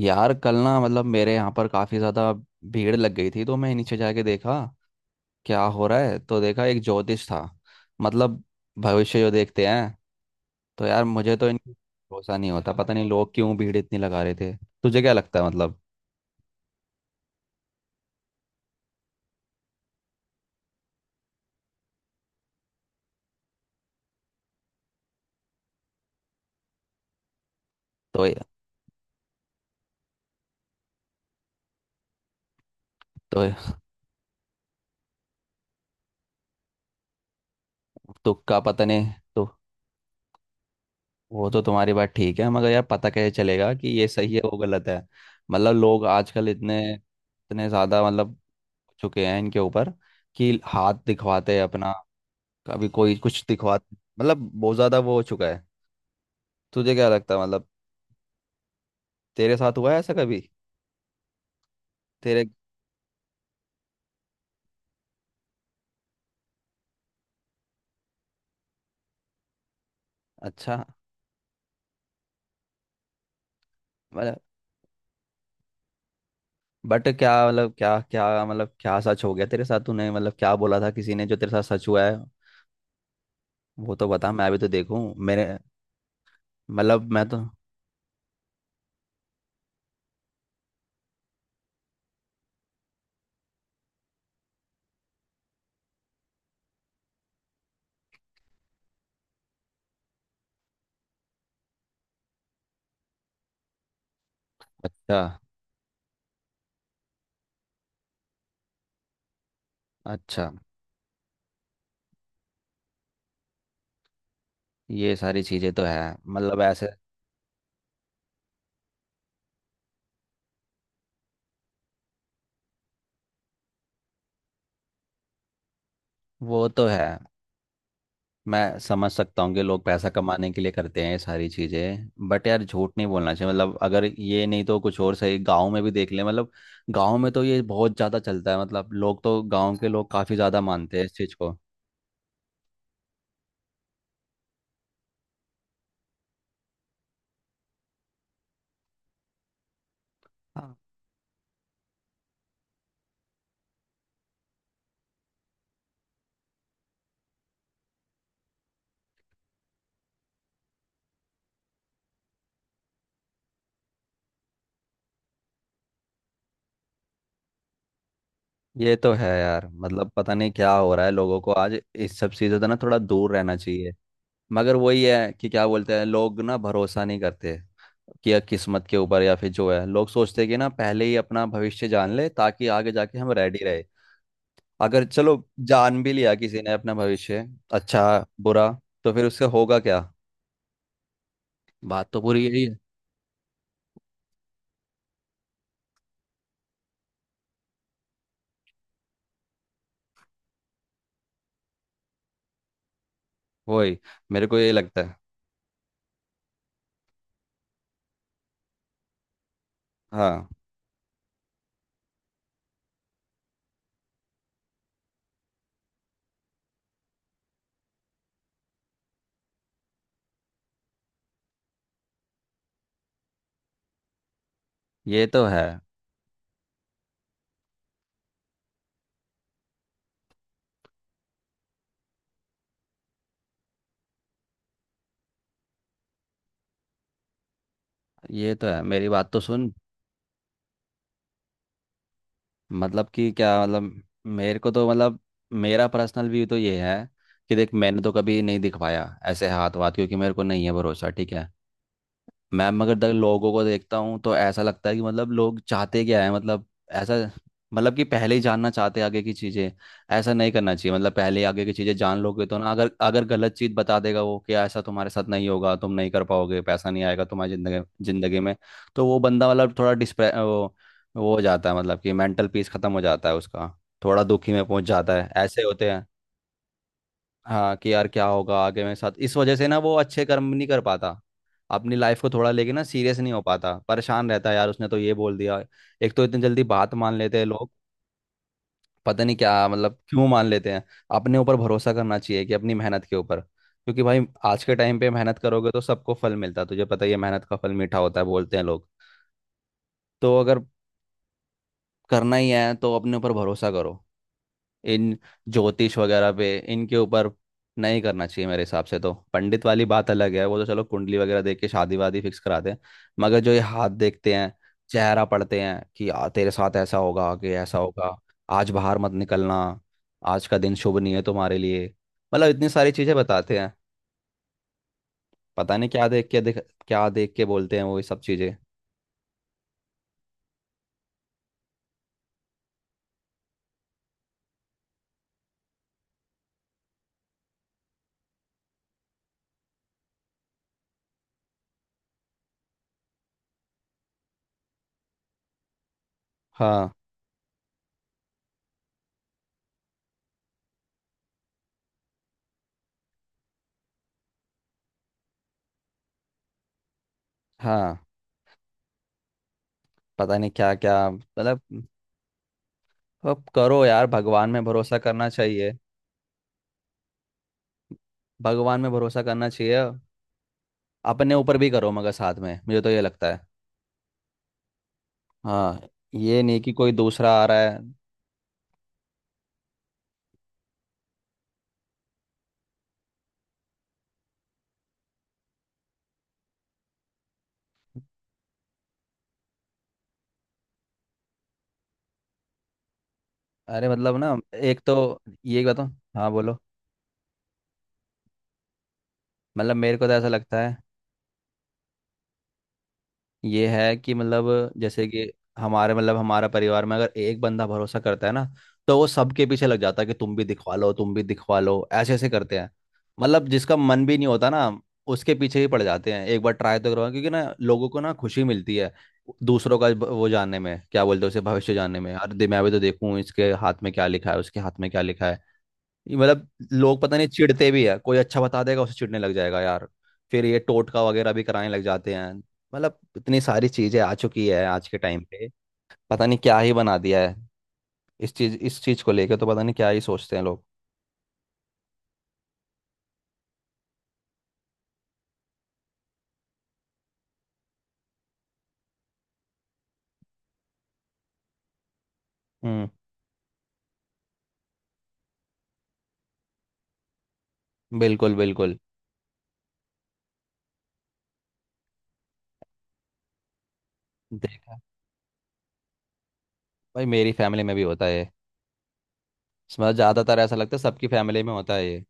यार कल ना मतलब मेरे यहाँ पर काफ़ी ज़्यादा भीड़ लग गई थी, तो मैं नीचे जाके देखा क्या हो रहा है। तो देखा एक ज्योतिष था, मतलब भविष्य जो देखते हैं। तो यार मुझे तो इन भरोसा नहीं होता, पता नहीं लोग क्यों भीड़ इतनी लगा रहे थे। तुझे क्या लगता है मतलब? तो तो तुक्का पता नहीं। तो वो तो तुम्हारी बात ठीक है, मगर यार पता कैसे चलेगा कि ये सही है वो गलत है? मतलब लोग आजकल इतने इतने ज़्यादा मतलब हो चुके हैं इनके ऊपर कि हाथ दिखवाते हैं अपना, कभी कोई कुछ दिखवा, मतलब बहुत ज्यादा वो हो चुका है। तुझे क्या लगता है मतलब? तेरे साथ हुआ है ऐसा कभी? तेरे अच्छा, मतलब बट क्या मतलब, क्या क्या मतलब, क्या सच हो गया तेरे साथ? तूने मतलब क्या बोला था किसी ने जो तेरे साथ सच हुआ है? वो तो बता, मैं भी तो देखूं मेरे, मतलब मैं तो। अच्छा, अच्छा, ये सारी चीजें तो है मतलब ऐसे। वो तो है। मैं समझ सकता हूँ कि लोग पैसा कमाने के लिए करते हैं ये सारी चीज़ें, बट यार झूठ नहीं बोलना चाहिए, मतलब अगर ये नहीं तो कुछ और सही, गांव में भी देख ले मतलब। गांव में तो ये बहुत ज़्यादा चलता है, मतलब लोग तो, गांव के लोग काफ़ी ज़्यादा मानते हैं इस चीज़ को। हाँ। ये तो है यार, मतलब पता नहीं क्या हो रहा है लोगों को, आज इस सब चीज़ों से ना थोड़ा दूर रहना चाहिए। मगर वही है कि क्या बोलते हैं लोग, ना भरोसा नहीं करते कि या किस्मत के ऊपर, या फिर जो है लोग सोचते हैं कि ना पहले ही अपना भविष्य जान ले ताकि आगे जाके हम रेडी रहे। अगर चलो जान भी लिया किसी ने अपना भविष्य, अच्छा बुरा, तो फिर उससे होगा क्या? बात तो पूरी यही है। वही, मेरे को ये लगता है। हाँ, ये तो है। ये तो है, मेरी बात तो सुन। मतलब कि क्या मतलब, मेरे को तो मतलब, मेरा पर्सनल व्यू तो ये है कि देख, मैंने तो कभी नहीं दिखवाया ऐसे हाथ वाथ, क्योंकि मेरे को नहीं है भरोसा, ठीक है। मैं मगर तक लोगों को देखता हूँ तो ऐसा लगता है कि मतलब लोग चाहते क्या है मतलब? ऐसा, मतलब कि पहले ही जानना चाहते हैं आगे की चीज़ें। ऐसा नहीं करना चाहिए, मतलब पहले ही आगे की चीज़ें जान लोगे तो ना, अगर अगर गलत चीज़ बता देगा वो, कि ऐसा तुम्हारे साथ नहीं होगा, तुम नहीं कर पाओगे, पैसा नहीं आएगा तुम्हारी जिंदगी जिंदगी में, तो वो बंदा मतलब थोड़ा डिस्प्रे वो हो जाता है, मतलब कि मेंटल पीस खत्म हो जाता है उसका, थोड़ा दुखी में पहुंच जाता है, ऐसे होते हैं। हाँ, कि यार क्या होगा आगे मेरे साथ, इस वजह से ना वो अच्छे कर्म नहीं कर पाता, अपनी लाइफ को थोड़ा लेके ना सीरियस नहीं हो पाता, परेशान रहता है यार, उसने तो ये बोल दिया। एक तो इतनी जल्दी बात मान लेते हैं लोग, पता नहीं क्या मतलब क्यों मान लेते हैं। अपने ऊपर भरोसा करना चाहिए कि अपनी मेहनत के ऊपर, क्योंकि भाई आज के टाइम पे मेहनत करोगे तो सबको फल मिलता है। तुझे पता ही है, मेहनत का फल मीठा होता है, बोलते हैं लोग। तो अगर करना ही है तो अपने ऊपर भरोसा करो, इन ज्योतिष वगैरह पे, इनके ऊपर नहीं करना चाहिए मेरे हिसाब से। तो पंडित वाली बात अलग है, वो तो चलो कुंडली वगैरह देख के शादी वादी फिक्स कराते हैं। मगर जो ये हाथ देखते हैं, चेहरा पढ़ते हैं कि आ, तेरे साथ ऐसा होगा, आगे ऐसा होगा, आज बाहर मत निकलना, आज का दिन शुभ नहीं है तुम्हारे लिए, मतलब इतनी सारी चीजें बताते हैं। पता नहीं क्या देख के देख, क्या देख के बोलते हैं वो ये सब चीजें। हाँ हाँ, पता नहीं क्या क्या मतलब। अब करो यार, भगवान में भरोसा करना चाहिए, भगवान में भरोसा करना चाहिए, अपने ऊपर भी करो, मगर साथ में मुझे तो ये लगता है। हाँ, ये नहीं कि कोई दूसरा आ रहा है। अरे मतलब ना, एक तो ये बताओ, हाँ बोलो, मतलब मेरे को तो ऐसा लगता है, ये है कि मतलब जैसे कि हमारे मतलब हमारा परिवार में अगर एक बंदा भरोसा करता है ना, तो वो सबके पीछे लग जाता है कि तुम भी दिखवा लो, तुम भी दिखवा लो, ऐसे ऐसे करते हैं। मतलब जिसका मन भी नहीं होता ना, उसके पीछे ही पड़ जाते हैं, एक बार ट्राई तो करवा, क्योंकि ना लोगों को ना खुशी मिलती है दूसरों का वो जानने में, क्या बोलते हैं, उसे भविष्य जानने में। अरे मैं भी तो देखूं इसके हाथ में क्या लिखा है, उसके हाथ में क्या लिखा है। ये मतलब लोग पता नहीं चिढ़ते भी है, कोई अच्छा बता देगा उसे चिढ़ने लग जाएगा यार। फिर ये टोटका वगैरह भी कराने लग जाते हैं, मतलब इतनी सारी चीजें आ चुकी है आज के टाइम पे। पता नहीं क्या ही बना दिया है इस चीज को लेके, तो पता नहीं क्या ही सोचते हैं लोग। हम्म, बिल्कुल बिल्कुल। देख भाई, मेरी फैमिली में भी होता है ये। मतलब ज्यादातर ऐसा लगता है सबकी फैमिली में होता है ये।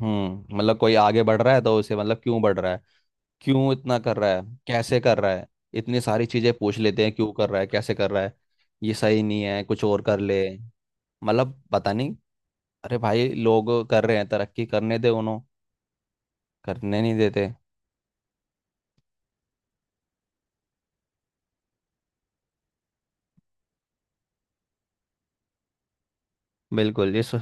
हम्म, मतलब कोई आगे बढ़ रहा है तो उसे मतलब क्यों बढ़ रहा है, क्यों इतना कर रहा है, कैसे कर रहा है, इतनी सारी चीजें पूछ लेते हैं, क्यों कर रहा है, कैसे कर रहा है, ये सही नहीं है, कुछ और कर ले। मतलब पता नहीं, अरे भाई लोग कर रहे हैं, तरक्की करने दे उन्हों, करने नहीं देते। बिल्कुल, ये सो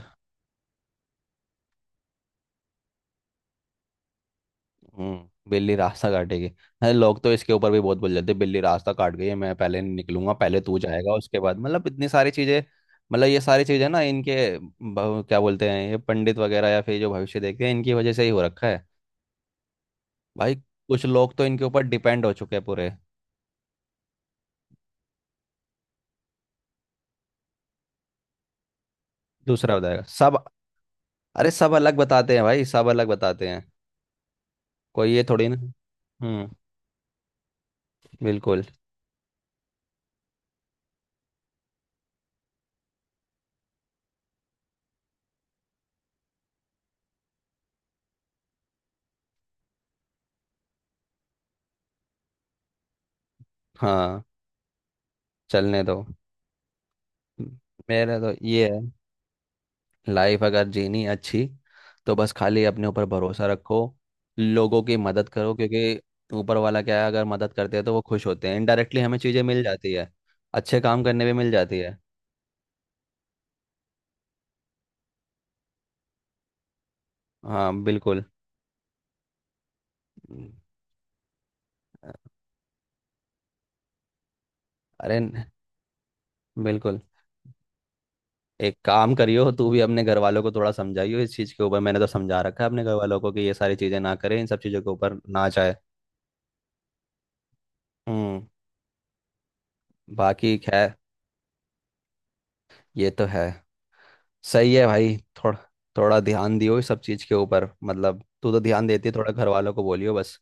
हम्म। बिल्ली रास्ता काटेगी, अरे लोग तो इसके ऊपर भी बहुत बोल जाते हैं, बिल्ली रास्ता काट गई है, मैं पहले नहीं निकलूंगा, पहले तू जाएगा उसके बाद, मतलब इतनी सारी चीजें। मतलब ये सारी चीजें ना इनके क्या बोलते हैं, ये पंडित वगैरह या फिर जो भविष्य देखते हैं, इनकी वजह से ही हो रखा है। भाई कुछ लोग तो इनके ऊपर डिपेंड हो चुके हैं पूरे। दूसरा बताएगा सब, अरे सब अलग बताते हैं भाई, सब अलग बताते हैं, कोई ये थोड़ी ना। हम्म, बिल्कुल। हाँ, चलने दो, मेरा तो ये है, लाइफ अगर जीनी अच्छी तो बस खाली अपने ऊपर भरोसा रखो, लोगों की मदद करो, क्योंकि ऊपर वाला क्या है, अगर मदद करते हैं तो वो खुश होते हैं, इनडायरेक्टली हमें चीज़ें मिल जाती है, अच्छे काम करने पे मिल जाती है। हाँ बिल्कुल। अरे बिल्कुल, एक काम करियो, तू भी अपने घर वालों को थोड़ा समझाइयो इस चीज के ऊपर। मैंने तो समझा रखा है अपने घर वालों को कि ये सारी चीजें ना करें, इन सब चीजों के ऊपर ना जाए। हम्म, बाकी खैर, ये तो है। सही है भाई, थोड़ा थोड़ा ध्यान दियो इस सब चीज के ऊपर, मतलब तू तो ध्यान देती है, थोड़ा घर वालों को बोलियो बस।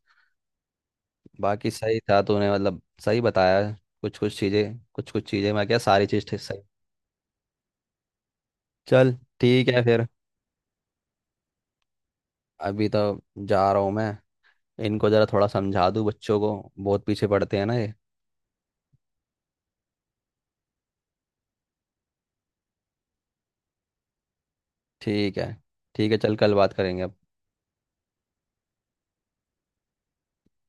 बाकी सही था तूने, मतलब सही बताया, कुछ कुछ चीजें मैं क्या, सारी चीज ठीक सही। चल, ठीक है फिर, अभी तो जा रहा हूँ मैं, इनको जरा थोड़ा समझा दूँ बच्चों को, बहुत पीछे पड़ते हैं ना ये। ठीक है, ठीक है चल, कल बात करेंगे अब।